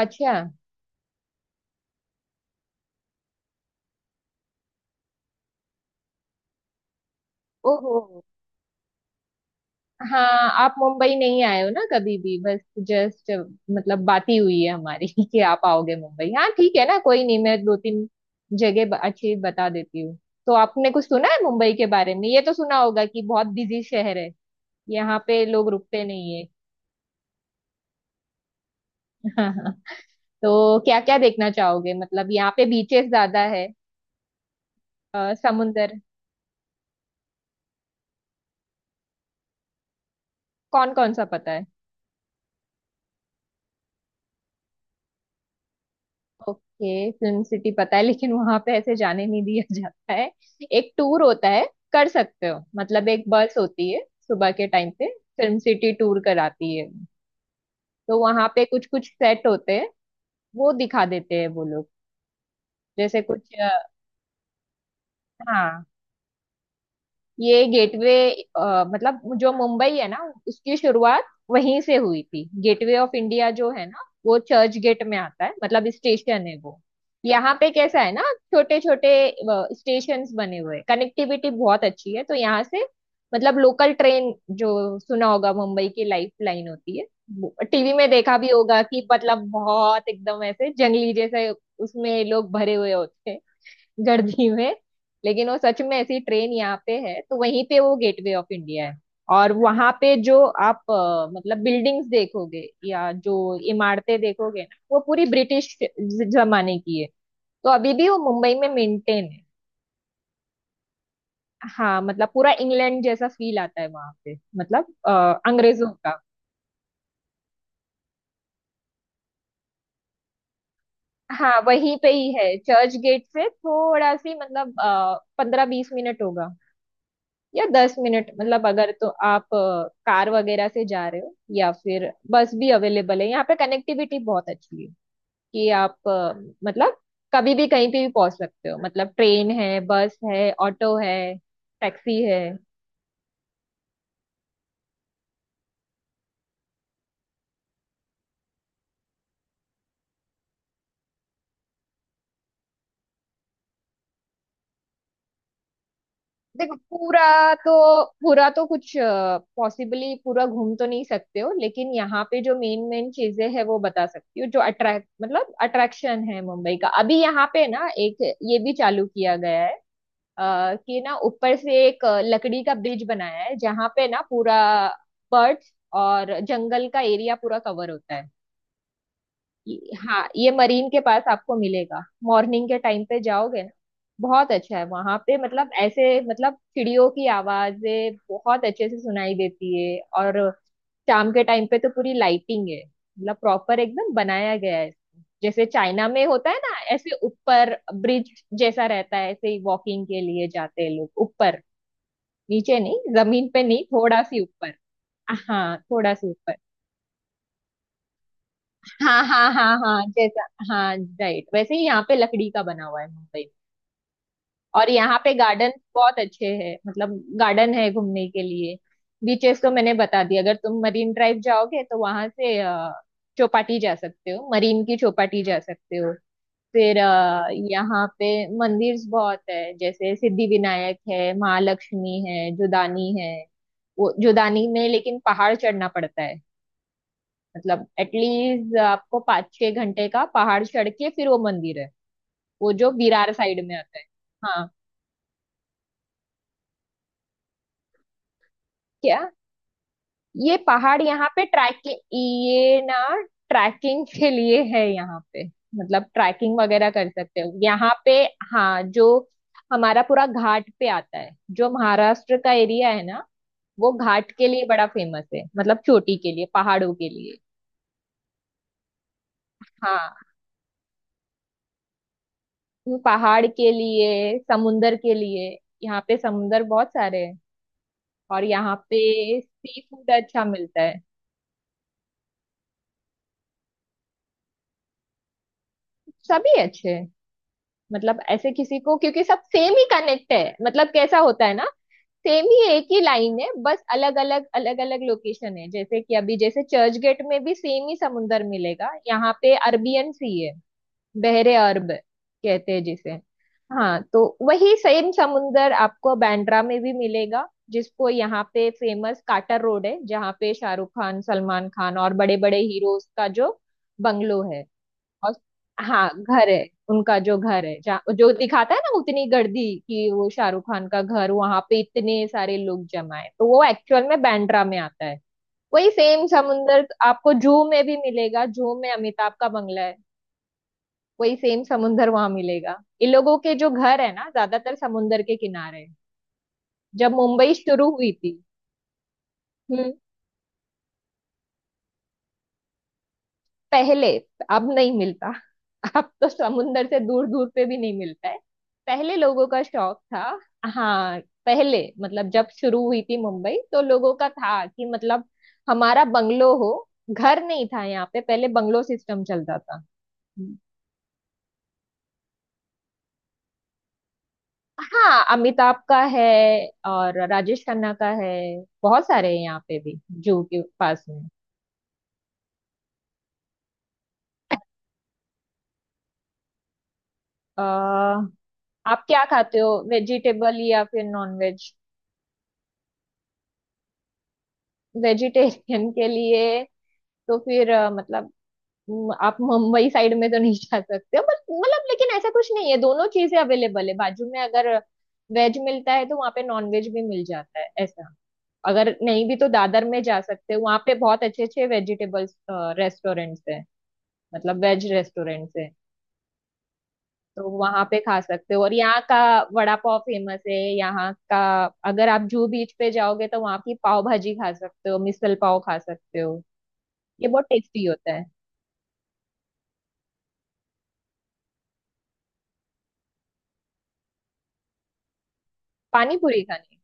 अच्छा। ओहो। हाँ, आप मुंबई नहीं आए हो ना कभी भी। बस, जस्ट मतलब बात ही हुई है हमारी कि आप आओगे मुंबई। हाँ ठीक है ना, कोई नहीं, मैं दो तीन जगह अच्छी बता देती हूँ। तो आपने कुछ सुना है मुंबई के बारे में? ये तो सुना होगा कि बहुत बिजी शहर है, यहाँ पे लोग रुकते नहीं है तो क्या क्या देखना चाहोगे? मतलब यहाँ पे बीचेस ज्यादा है। समुंदर कौन कौन सा पता है? ओके, फिल्म सिटी पता है, लेकिन वहां पे ऐसे जाने नहीं दिया जाता है। एक टूर होता है, कर सकते हो। मतलब एक बस होती है सुबह के टाइम पे, फिल्म सिटी टूर कराती है। तो वहां पे कुछ कुछ सेट होते हैं, वो दिखा देते हैं वो लोग। जैसे कुछ हाँ, ये गेटवे, मतलब जो मुंबई है ना, उसकी शुरुआत वहीं से हुई थी। गेटवे ऑफ इंडिया जो है ना, वो चर्च गेट में आता है, मतलब स्टेशन है वो। यहाँ पे कैसा है ना, छोटे छोटे स्टेशंस बने हुए हैं, कनेक्टिविटी बहुत अच्छी है। तो यहाँ से, मतलब लोकल ट्रेन जो सुना होगा, मुंबई की लाइफ लाइन होती है। टीवी में देखा भी होगा कि मतलब बहुत एकदम ऐसे जंगली जैसे उसमें लोग भरे हुए होते हैं गर्जी में। लेकिन वो सच में ऐसी ट्रेन यहाँ पे है। तो वहीं पे वो गेटवे ऑफ इंडिया है। और वहां पे जो आप मतलब बिल्डिंग्स देखोगे, या जो इमारतें देखोगे ना, वो पूरी ब्रिटिश जमाने की है। तो अभी भी वो मुंबई में मेंटेन है। हाँ, मतलब पूरा इंग्लैंड जैसा फील आता है वहां पे, मतलब अंग्रेजों का। हाँ, वहीं पे ही है, चर्च गेट से थोड़ा सी मतलब 15-20 मिनट होगा, या 10 मिनट, मतलब अगर तो आप कार वगैरह से जा रहे हो, या फिर बस भी अवेलेबल है। यहाँ पे कनेक्टिविटी बहुत अच्छी है कि आप मतलब कभी भी कहीं पे भी पहुंच सकते हो। मतलब ट्रेन है, बस है, ऑटो है, टैक्सी है। देखो पूरा तो, पूरा तो कुछ पॉसिबली पूरा घूम तो नहीं सकते हो, लेकिन यहाँ पे जो मेन मेन चीजें हैं वो बता सकती हूँ। जो अट्रैक्ट मतलब अट्रैक्शन है मुंबई का अभी, यहाँ पे ना एक ये भी चालू किया गया है कि ना ऊपर से एक लकड़ी का ब्रिज बनाया है, जहाँ पे ना पूरा बर्ड्स और जंगल का एरिया पूरा कवर होता है। हाँ, ये मरीन के पास आपको मिलेगा। मॉर्निंग के टाइम पे जाओगे ना, बहुत अच्छा है वहां पे, मतलब ऐसे मतलब चिड़ियों की आवाजें बहुत अच्छे से सुनाई देती है। और शाम के टाइम पे तो पूरी लाइटिंग है, मतलब प्रॉपर एकदम बनाया गया है। जैसे चाइना में होता है ना, ऐसे ऊपर ब्रिज जैसा रहता है, ऐसे ही वॉकिंग के लिए जाते हैं लोग ऊपर, नीचे नहीं, जमीन पे नहीं, थोड़ा सी ऊपर। हाँ, थोड़ा सी ऊपर। हाँ हाँ हाँ हाँ जैसा। हाँ राइट, वैसे ही यहाँ पे लकड़ी का बना हुआ है मुंबई में। और यहाँ पे गार्डन बहुत अच्छे हैं, मतलब गार्डन है घूमने के लिए। बीचेस तो मैंने बता दिया, अगर तुम मरीन ड्राइव जाओगे तो वहां से चौपाटी जा सकते हो, मरीन की चौपाटी जा सकते हो। फिर यहाँ पे मंदिर बहुत है, जैसे सिद्धि विनायक है, महालक्ष्मी है, जुदानी है। वो जुदानी में लेकिन पहाड़ चढ़ना पड़ता है। मतलब एटलीस्ट आपको 5-6 घंटे का पहाड़ चढ़ के फिर वो मंदिर है। वो जो विरार साइड में आता है। हाँ, क्या? ये पहाड़ यहाँ पे ट्रैकिंग, ये ना ट्रैकिंग के लिए है यहाँ पे। मतलब ट्रैकिंग वगैरह कर सकते हो यहाँ पे। हाँ, जो हमारा पूरा घाट पे आता है, जो महाराष्ट्र का एरिया है ना, वो घाट के लिए बड़ा फेमस है, मतलब चोटी के लिए पहाड़ों के लिए। हाँ, पहाड़ के लिए, समुंदर के लिए। यहाँ पे समुंदर बहुत सारे हैं, और यहाँ पे सी फूड अच्छा मिलता है। सभी अच्छे हैं, मतलब ऐसे किसी को, क्योंकि सब सेम ही कनेक्ट है, मतलब कैसा होता है ना, सेम ही एक ही लाइन है, बस अलग अलग अलग अलग लोकेशन है। जैसे कि अभी जैसे चर्च गेट में भी सेम ही समुंदर मिलेगा। यहाँ पे अरबियन सी है, बहरे अरब कहते हैं जिसे। हाँ तो वही सेम समुंदर आपको बांद्रा में भी मिलेगा, जिसको यहाँ पे फेमस काटर रोड है, जहाँ पे शाहरुख खान, सलमान खान और बड़े बड़े हीरोज का जो बंगलो है। और हाँ, घर है उनका, जो घर है, जहाँ जो दिखाता है ना, उतनी गर्दी कि वो शाहरुख खान का घर, वहां पे इतने सारे लोग जमा है, तो वो एक्चुअल में बांद्रा में आता है। वही सेम समुंदर आपको जू में भी मिलेगा, जू में अमिताभ का बंगला है। वही सेम समुंदर वहां मिलेगा। इन लोगों के जो घर है ना, ज्यादातर समुंदर के किनारे है। जब मुंबई शुरू हुई थी, पहले। अब नहीं मिलता, अब तो समुंदर से दूर दूर पे भी नहीं मिलता है। पहले लोगों का शौक था। हाँ, पहले मतलब जब शुरू हुई थी मुंबई, तो लोगों का था कि मतलब हमारा बंगलो हो। घर नहीं था यहाँ पे पहले, बंगलो सिस्टम चलता था। हाँ, अमिताभ का है और राजेश खन्ना का है, बहुत सारे हैं यहाँ पे भी, जू के पास में। आ, आप क्या खाते हो, वेजिटेबल या फिर नॉन वेज? वेजिटेरियन के लिए तो फिर मतलब आप मुंबई साइड में तो नहीं जा सकते हो, बट मतलब, लेकिन ऐसा कुछ नहीं है। दोनों चीजें अवेलेबल है, बाजू में अगर वेज मिलता है तो वहाँ पे नॉन वेज भी मिल जाता है ऐसा। अगर नहीं भी तो दादर में जा सकते हो, वहाँ पे बहुत अच्छे अच्छे वेजिटेबल्स रेस्टोरेंट्स हैं, मतलब वेज रेस्टोरेंट्स हैं। तो वहाँ पे खा सकते हो। और यहाँ का वड़ा पाव फेमस है यहाँ का। अगर आप जूहू बीच पे जाओगे तो वहाँ की पाव भाजी खा सकते हो, मिसल पाव खा सकते हो, ये बहुत टेस्टी होता है। पानी पूरी खानी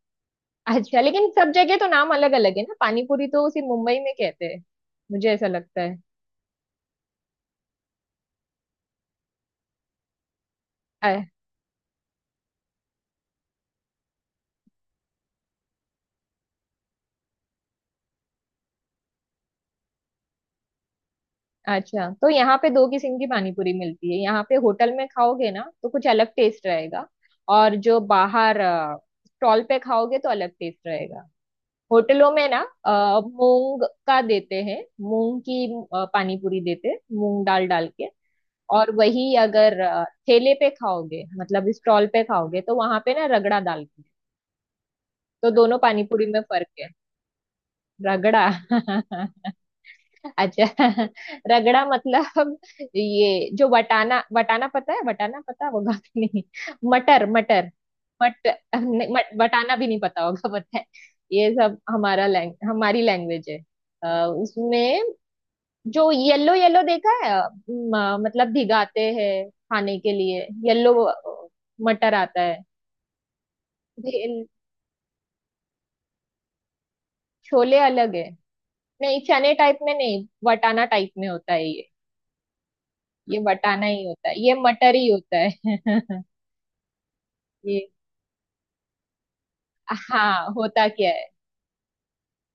है। अच्छा, लेकिन सब जगह तो नाम अलग अलग है ना, पानीपुरी तो सिर्फ मुंबई में कहते हैं, मुझे ऐसा लगता है। अ- अच्छा, तो यहाँ पे दो किस्म की पानीपुरी मिलती है। यहाँ पे होटल में खाओगे ना तो कुछ अलग टेस्ट रहेगा, और जो बाहर स्टॉल पे खाओगे तो अलग टेस्ट रहेगा। होटलों में ना मूंग का देते हैं, मूंग की पानीपुरी देते हैं मूंग दाल डाल के। और वही अगर ठेले पे खाओगे, मतलब स्टॉल पे खाओगे, तो वहां पे ना रगड़ा दाल की। तो दोनों पानीपुरी में फर्क है। रगड़ा अच्छा रगड़ा मतलब ये जो वटाना वटाना पता है? वटाना पता होगा कि नहीं? मटर, मटर। मट, नहीं, मट वटाना भी नहीं पता होगा? पता है? ये सब हमारा लैंग हमारी लैंग्वेज है। उसमें जो येलो येलो देखा है मतलब भिगाते हैं खाने के लिए। येलो मटर आता है। भेल- छोले अलग है? नहीं, चने टाइप में नहीं, वटाना टाइप में होता है ये। ये बटाना ही होता है, ये मटर ही होता है। ये, हाँ, होता क्या है।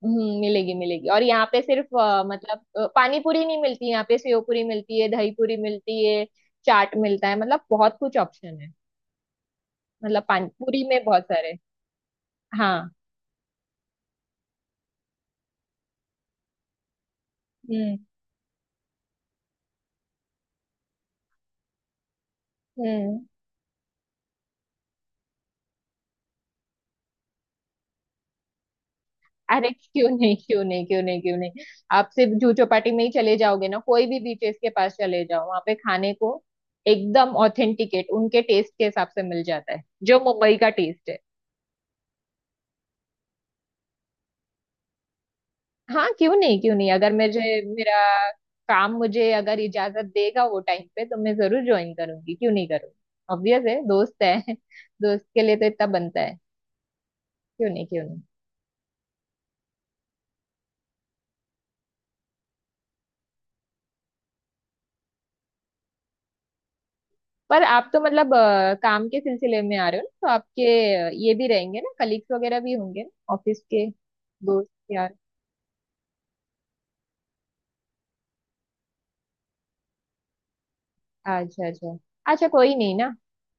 मिलेगी मिलेगी। और यहाँ पे सिर्फ मतलब पानी पूरी नहीं मिलती, यहाँ पे सेव पूरी मिलती है, दही पूरी मिलती है, चाट मिलता है, मतलब बहुत कुछ ऑप्शन है। मतलब पानी पूरी में बहुत सारे। हाँ। हम्म हम्म। अरे क्यों नहीं, क्यों नहीं, क्यों नहीं, क्यों नहीं। आप सिर्फ जूह चौपाटी में ही चले जाओगे ना, कोई भी बीचेस के पास चले जाओ वहाँ पे खाने को, एकदम ऑथेंटिकेट उनके टेस्ट के हिसाब से मिल जाता है, जो मुंबई का टेस्ट है। हाँ क्यों नहीं क्यों नहीं, अगर मुझे मेरा काम मुझे अगर इजाजत देगा वो टाइम पे, तो मैं जरूर ज्वाइन करूंगी, क्यों नहीं करूंगी। ऑब्वियस है, दोस्त है दोस्त के लिए तो इतना बनता है। क्यों नहीं क्यों नहीं। पर आप तो मतलब काम के सिलसिले में आ रहे हो ना, तो आपके ये भी रहेंगे ना, कलीग्स वगैरह भी होंगे ना ऑफिस के। दोस्त यार। अच्छा अच्छा, अच्छा कोई नहीं ना।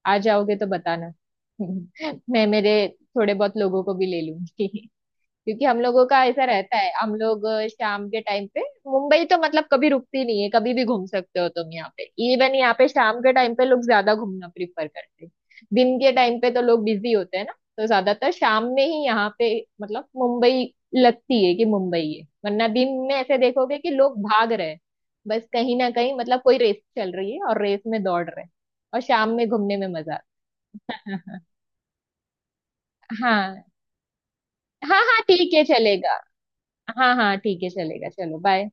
आ जाओगे तो बताना मैं मेरे थोड़े बहुत लोगों को भी ले लूंगी, क्योंकि हम लोगों का ऐसा रहता है। हम लोग शाम के टाइम पे, मुंबई तो मतलब कभी रुकती नहीं है, कभी भी घूम सकते हो तुम यहाँ पे। इवन यहाँ पे शाम के टाइम पे लोग ज्यादा घूमना प्रिफर करते हैं। दिन के टाइम पे तो लोग बिजी होते हैं ना, तो ज्यादातर शाम में ही यहाँ पे मतलब मुंबई लगती है कि मुंबई है। वरना दिन में ऐसे देखोगे कि लोग भाग रहे हैं बस, कहीं ना कहीं मतलब कोई रेस चल रही है और रेस में दौड़ रहे हैं। और शाम में घूमने में मजा आता है हाँ हाँ हाँ ठीक है, चलेगा। हाँ हाँ ठीक है, चलेगा। चलो बाय।